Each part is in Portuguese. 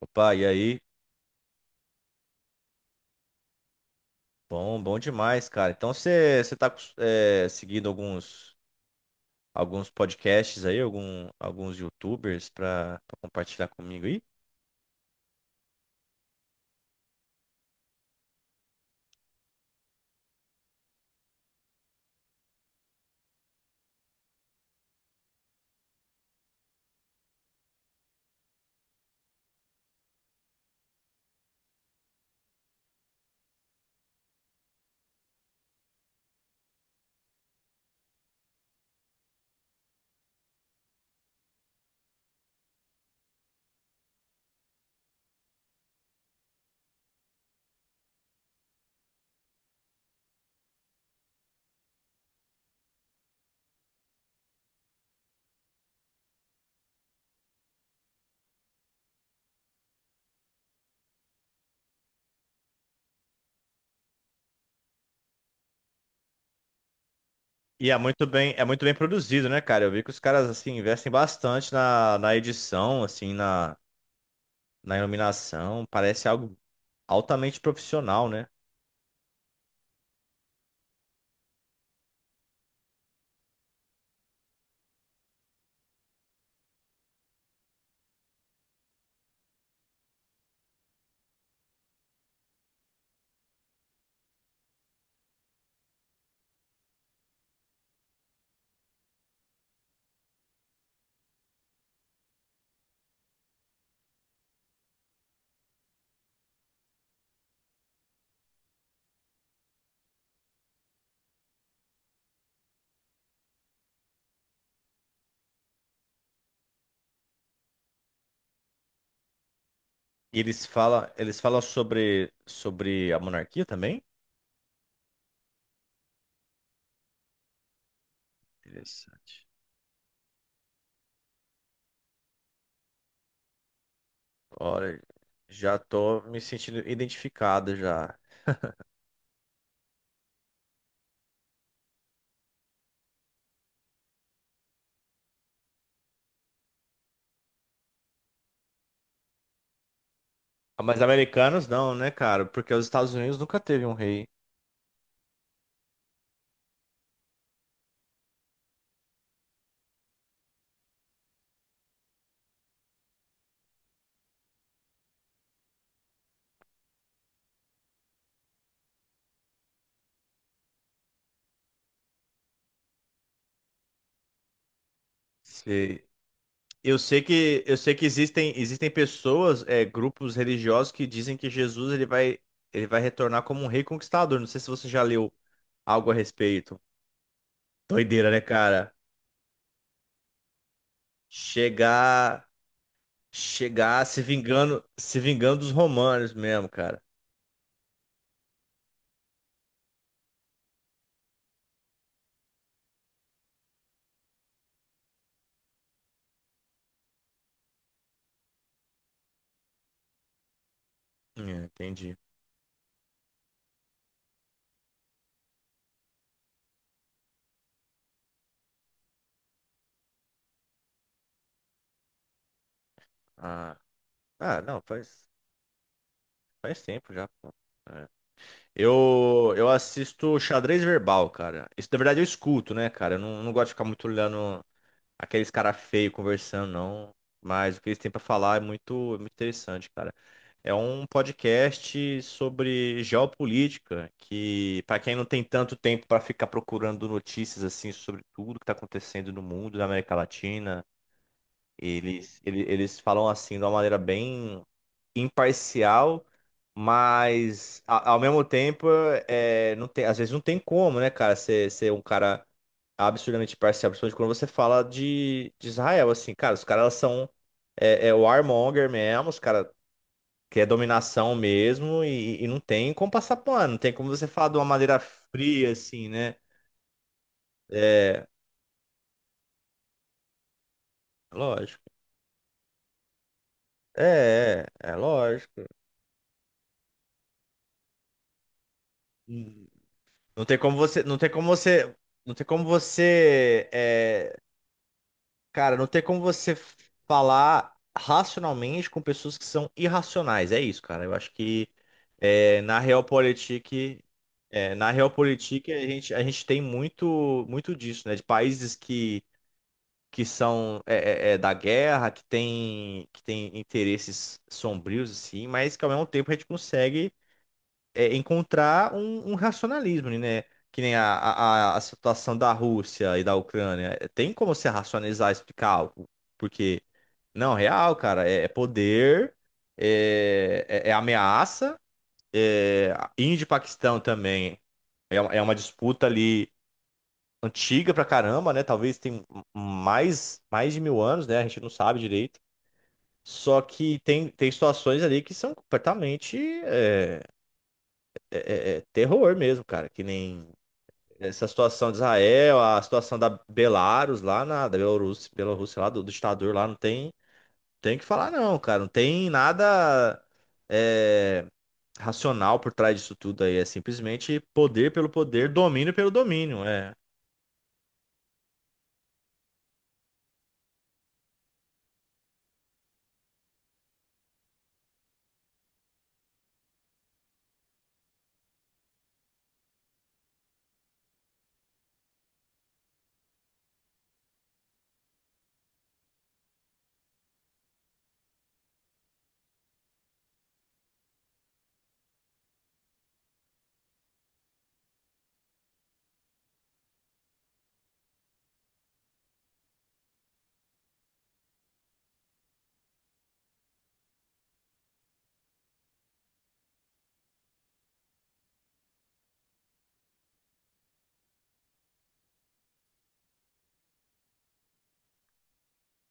Opa, e aí? Bom, bom demais, cara. Então você tá seguindo alguns podcasts aí, alguns YouTubers pra compartilhar comigo aí? E é muito bem produzido, né, cara? Eu vi que os caras assim investem bastante na edição, na iluminação. Parece algo altamente profissional, né? E eles falam sobre a monarquia também? Interessante. Olha, já tô me sentindo identificado já. Ah, mas americanos não, né, cara? Porque os Estados Unidos nunca teve um rei. Se- eu sei que existem pessoas, grupos religiosos que dizem que Jesus ele vai retornar como um rei conquistador. Não sei se você já leu algo a respeito. Doideira, né, cara? Chegar chegar se vingando dos romanos mesmo, cara. É, entendi. Ah, ah, não, faz tempo já, pô. É. Eu assisto xadrez verbal, cara. Isso, na verdade, eu escuto, né, cara? Eu não, não gosto de ficar muito olhando aqueles cara feio conversando, não. Mas o que eles têm pra falar é muito interessante, cara. É um podcast sobre geopolítica, que pra quem não tem tanto tempo pra ficar procurando notícias assim sobre tudo que tá acontecendo no mundo, na América Latina, eles falam assim de uma maneira bem imparcial, mas ao mesmo tempo, não tem, às vezes não tem como, né, cara, ser um cara absurdamente imparcial, principalmente quando você fala de Israel, assim, cara, os caras são é warmonger mesmo, os caras querem dominação mesmo e não tem como passar pano, não tem como você falar de uma maneira fria, assim, né? É, lógico. É lógico. Não tem como você, não tem como você, não tem como você, cara, não tem como você falar racionalmente com pessoas que são irracionais. É isso, cara. Eu acho que na Realpolitik, na Realpolitik a gente tem muito, muito disso, né? De países que são é da guerra, que tem interesses sombrios assim, mas que ao mesmo tempo a gente consegue encontrar um racionalismo, né? Que nem a situação da Rússia e da Ucrânia. Tem como você racionalizar e explicar algo? Porque, não, real, cara, é poder, é ameaça, é, Índia e Paquistão também. É, é uma disputa ali antiga pra caramba, né? Talvez tem mais de mil anos, né? A gente não sabe direito. Só que tem situações ali que são completamente é, é terror mesmo, cara. Que nem essa situação de Israel, a situação da Belarus lá na da Bielorrússia, Bielorrússia lá do ditador lá não tem, tem que falar não, cara, não tem nada é, racional por trás disso tudo aí, é simplesmente poder pelo poder, domínio pelo domínio, é.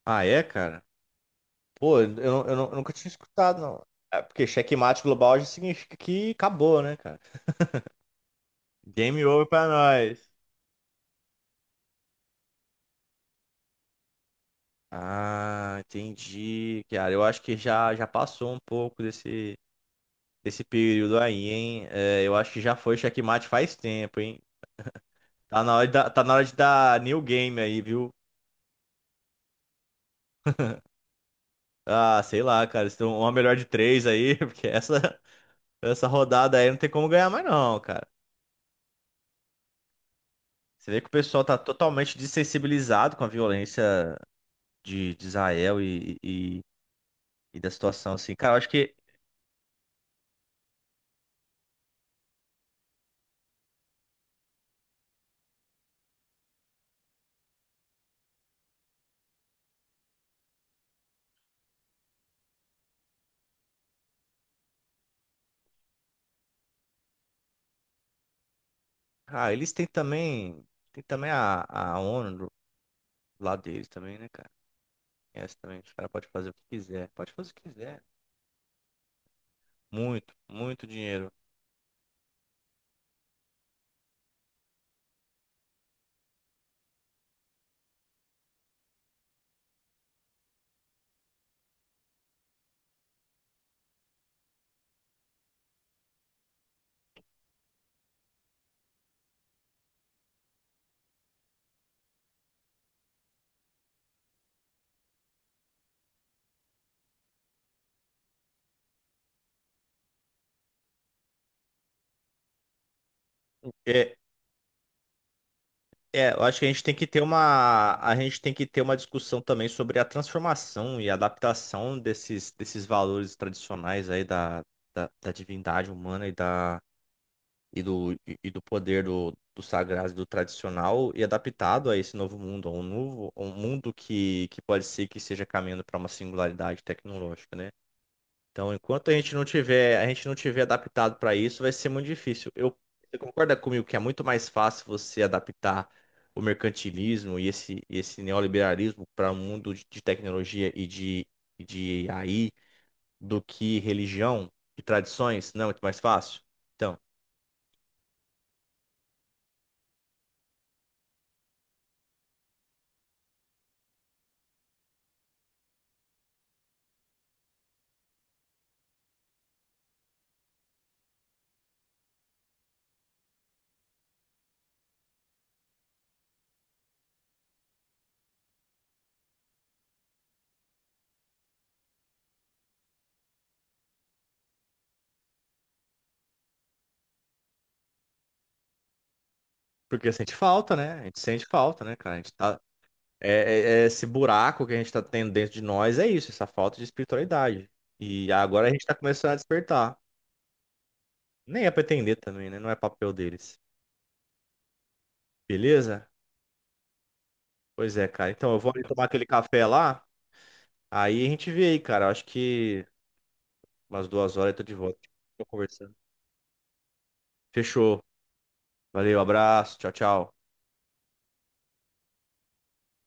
Ah, é, cara? Pô, eu nunca tinha escutado, não. É porque checkmate global já significa que acabou, né, cara? Game over pra nós. Ah, entendi, cara. Eu acho que já passou um pouco desse esse período aí, hein? É, eu acho que já foi checkmate faz tempo, hein? Tá na hora de dar new game aí, viu? Ah, sei lá, cara. Se tem uma melhor de três aí, porque essa rodada aí não tem como ganhar mais, não, cara. Você vê que o pessoal tá totalmente desensibilizado com a violência de Israel e da situação, assim. Cara, eu acho que. Ah, eles têm também. Tem também a ONU do lado deles também, né, cara? Essa também, os caras podem fazer o que quiser. Pode fazer o que quiser. Muito, muito dinheiro. É, eu acho que a gente tem que ter uma, a gente tem que ter uma discussão também sobre a transformação e adaptação desses valores tradicionais aí da divindade humana e, da, e do poder do sagrado e do tradicional e adaptado a esse novo mundo, a um mundo que pode ser que seja caminhando para uma singularidade tecnológica, né? Então, enquanto a gente não tiver adaptado para isso, vai ser muito difícil. Você concorda comigo que é muito mais fácil você adaptar o mercantilismo e esse neoliberalismo para o mundo de tecnologia e de AI do que religião e tradições? Não é muito mais fácil? Então, porque sente falta, né? A gente sente falta, né, cara? A gente tá, é, é esse buraco que a gente está tendo dentro de nós é isso, essa falta de espiritualidade. E agora a gente está começando a despertar. Nem é pra também, né? Não é papel deles. Beleza? Pois é, cara. Então eu vou ali tomar aquele café lá. Aí a gente vê aí, cara. Eu acho que umas duas horas eu tô de volta. Tô conversando. Fechou. Valeu, abraço. Tchau, tchau.